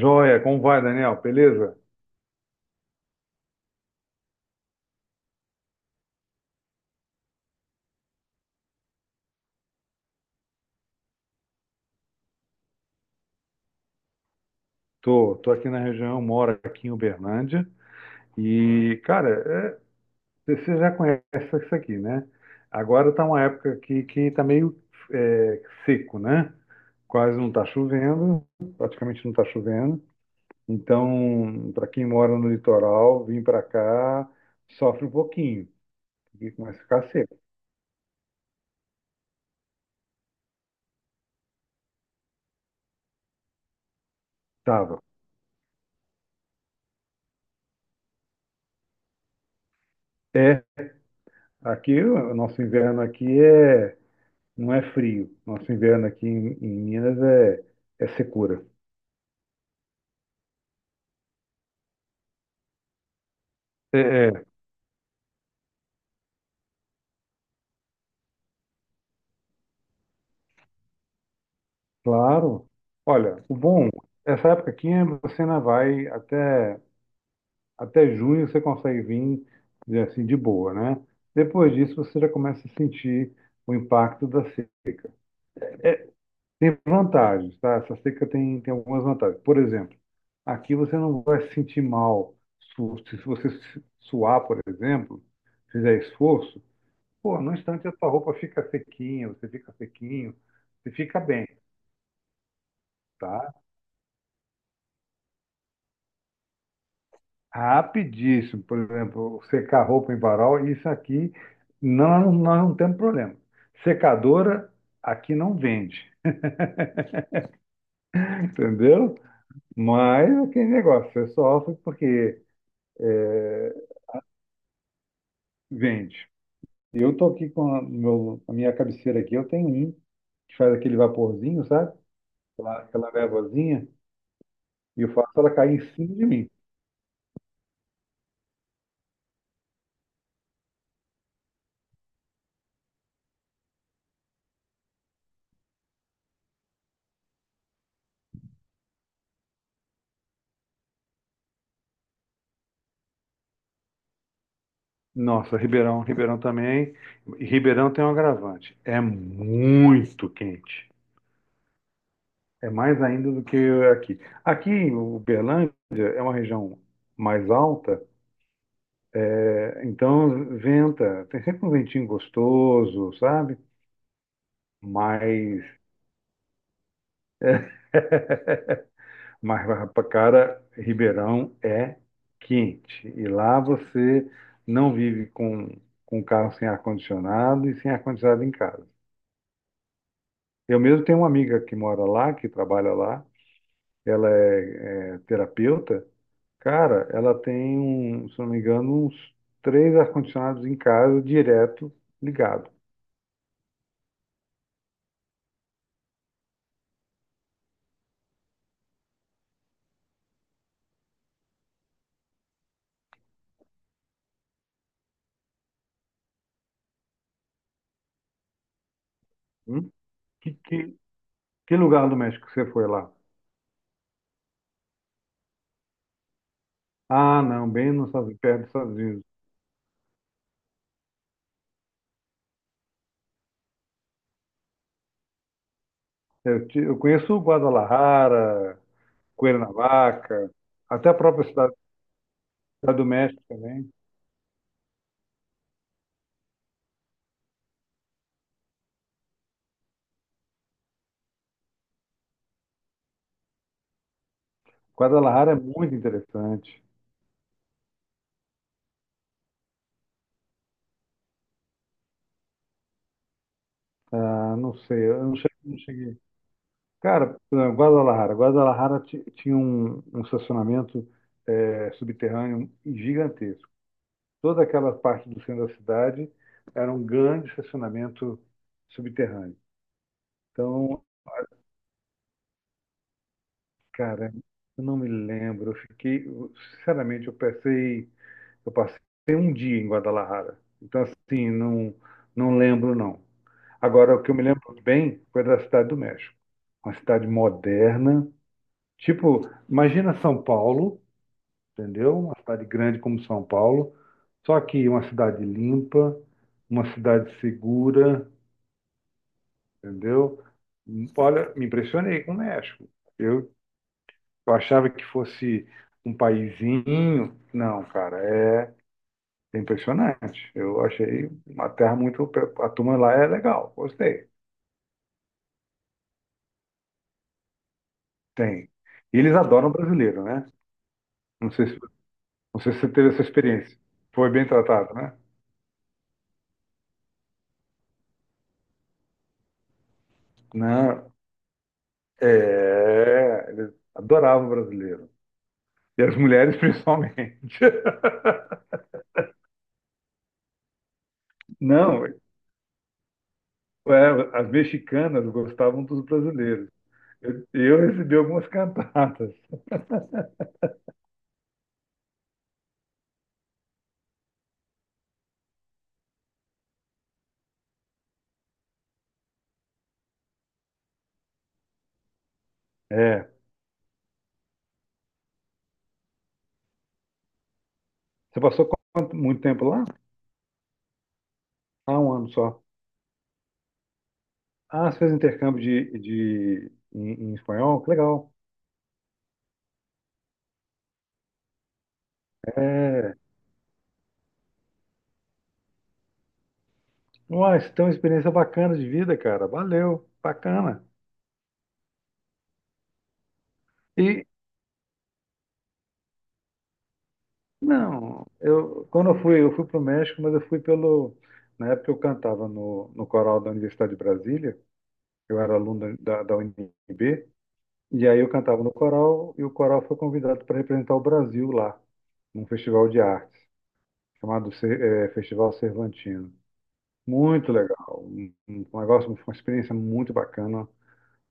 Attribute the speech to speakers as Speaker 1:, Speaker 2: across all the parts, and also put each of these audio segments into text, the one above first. Speaker 1: Joia, como vai, Daniel? Beleza? Tô aqui na região, moro aqui em Uberlândia. E, cara, você já conhece isso aqui, né? Agora tá uma época que tá meio seco, né? Quase não tá chovendo, praticamente não tá chovendo. Então, para quem mora no litoral, vir para cá sofre um pouquinho, porque começa a ficar seco. Tava. É, aqui, o nosso inverno aqui não é frio. Nosso inverno aqui em Minas é secura. É, é, claro. Olha, o bom, essa época aqui você ainda vai até junho, você consegue vir dizer assim, de boa, né? Depois disso, você já começa a sentir o impacto da seca. É, tem vantagens, tá? Essa seca tem, tem algumas vantagens. Por exemplo, aqui você não vai se sentir mal. Se você suar, por exemplo, fizer esforço, pô, no instante a tua roupa fica sequinha, você fica sequinho, você fica bem, tá? Rapidíssimo. Por exemplo, secar roupa em varal, isso aqui não, nós não temos problema. Secadora aqui não vende, entendeu? Mas aquele negócio, é só porque é, vende. Eu tô aqui com a minha cabeceira aqui, eu tenho um que faz aquele vaporzinho, sabe? Aquela névoazinha, e eu faço ela cair em cima de mim. Nossa, Ribeirão também. E Ribeirão tem um agravante. É muito quente. É mais ainda do que aqui. Aqui, o Uberlândia é uma região mais alta, então venta. Tem sempre um ventinho gostoso, sabe? Mas, mas pra cara, Ribeirão é quente. E lá você não vive com carro sem ar-condicionado e sem ar-condicionado em casa. Eu mesmo tenho uma amiga que mora lá, que trabalha lá. Ela é terapeuta, cara, ela tem um, se não me engano, uns três ar-condicionados em casa, direto, ligado. Hum? Que, que, que lugar do México que você foi lá? Ah, não, bem nos Estados Unidos, perto dos Estados Unidos. Eu conheço Guadalajara, Cuernavaca, até a própria cidade, cidade do México também. Guadalajara é muito interessante. Ah, não sei, eu não cheguei. Cara, Guadalajara. Guadalajara tinha um, um estacionamento subterrâneo gigantesco. Toda aquela parte do centro da cidade era um grande estacionamento subterrâneo. Então, cara, eu não me lembro. Eu fiquei, sinceramente, eu passei um dia em Guadalajara. Então, assim, não, não lembro, não. Agora, o que eu me lembro bem foi da cidade do México. Uma cidade moderna. Tipo, imagina São Paulo, entendeu? Uma cidade grande como São Paulo, só que uma cidade limpa, uma cidade segura, entendeu? Olha, me impressionei com o México. Eu achava que fosse um paizinho, não, cara, é impressionante. Eu achei uma terra muito, a turma lá é legal, gostei. Tem. E eles adoram brasileiro, né? Não sei se, não sei se você teve essa experiência. Foi bem tratado, né? Não, é, eles adoravam brasileiro. E as mulheres principalmente. Não, é, as mexicanas gostavam dos brasileiros. Eu recebi algumas cantatas. É. Você passou quanto- muito tempo lá? Ah, um ano só. Ah, você fez intercâmbio em espanhol? Que legal. É. Uai, você tem uma experiência bacana de vida, cara. Valeu, bacana. E, não, quando eu fui para o México, mas eu fui pelo. Na época eu cantava no coral da Universidade de Brasília. Eu era aluno da UNB, e aí eu cantava no coral, e o coral foi convidado para representar o Brasil lá, num festival de artes, chamado Festival Cervantino. Muito legal, um negócio, uma experiência muito bacana.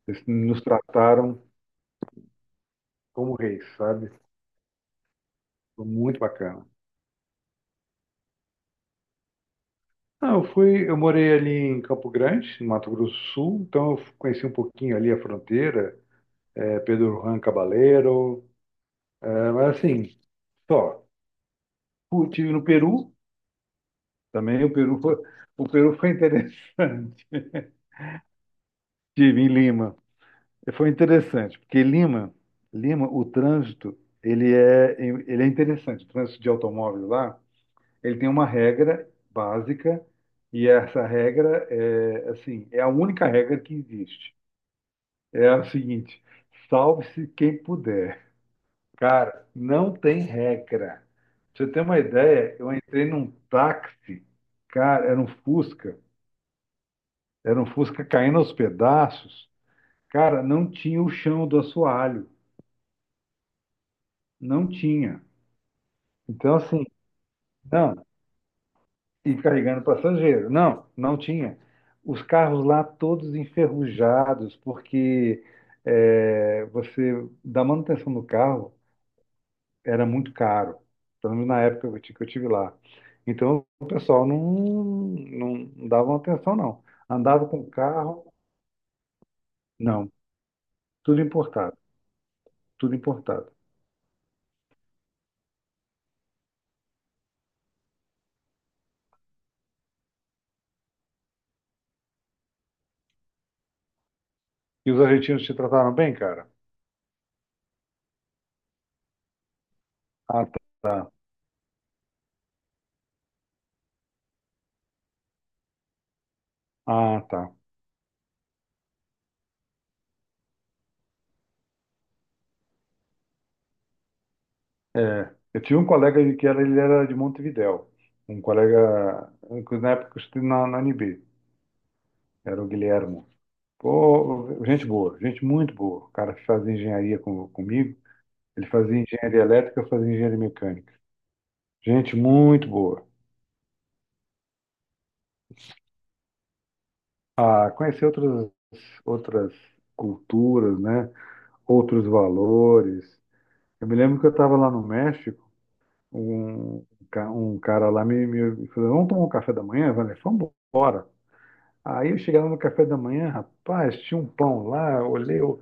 Speaker 1: Eles nos trataram como reis, sabe? Foi muito bacana. Ah, eu fui, eu morei ali em Campo Grande, no Mato Grosso do Sul, então eu conheci um pouquinho ali a fronteira, Pedro Juan Cabaleiro, mas assim, só. Estive no Peru. Também o Peru foi interessante. Estive em Lima. Foi interessante, porque Lima, Lima, o trânsito, ele é interessante. O trânsito de automóveis lá, ele tem uma regra básica, e essa regra é, assim, é a única regra que existe. É a seguinte: salve-se quem puder. Cara, não tem regra. Pra você ter uma ideia, eu entrei num táxi, cara, era um Fusca, era um Fusca caindo aos pedaços. Cara, não tinha o chão do assoalho. Não tinha. Então, assim, não. E carregando passageiro. Não, não tinha. Os carros lá todos enferrujados, porque é, você, da manutenção do carro, era muito caro. Pelo menos na época que eu tive lá. Então, o pessoal não, não dava atenção, não. Andava com o carro, não. Tudo importado. Tudo importado. E os argentinos te trataram bem, cara? Ah, tá. Ah, tá. É, eu tinha um colega que era, ele era de Montevidéu. Um colega, que na época eu estudei na UNB, era o Guilhermo. Pô, gente boa, gente muito boa. O cara que fazia engenharia comigo, ele fazia engenharia elétrica, eu fazia engenharia mecânica. Gente muito boa. Ah, conhecer outras, outras culturas, né? Outros valores. Eu me lembro que eu estava lá no México, um, um cara lá me falou, vamos tomar um café da manhã? Eu falei, vamos embora. Aí eu cheguei lá no café da manhã, rapaz, tinha um pão lá, olhei,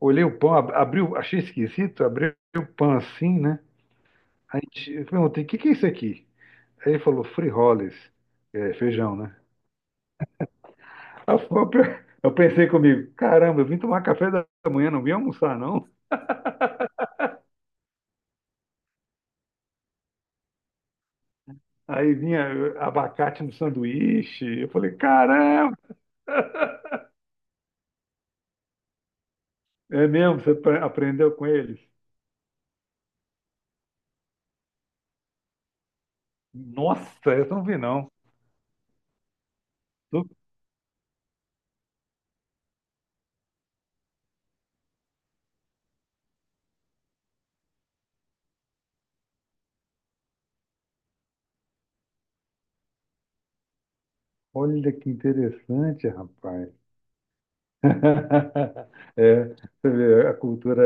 Speaker 1: olhei o pão, abri, achei esquisito, abri o pão assim, né? Eu perguntei, o que que é isso aqui? Aí ele falou, frijoles, é, feijão, né? Aí eu pe- eu pensei comigo, caramba, eu vim tomar café da manhã, não vim almoçar, não. Aí vinha abacate no sanduíche, eu falei, caramba, é mesmo, aprendeu com eles? Nossa, essa eu não vi não. Tô- Olha que interessante, rapaz. É, você vê, a cultura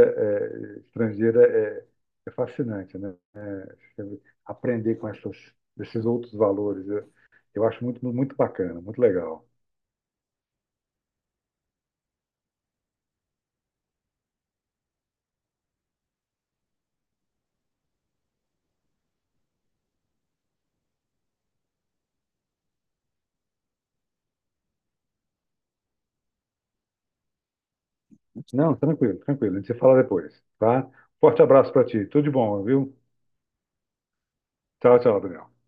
Speaker 1: estrangeira é fascinante, né? É, você vê, aprender com essas, esses outros valores, eu acho muito, muito bacana, muito legal. Não, tranquilo, tranquilo. A gente se fala depois, tá? Forte abraço para ti. Tudo de bom, viu? Tchau, tchau, Daniel.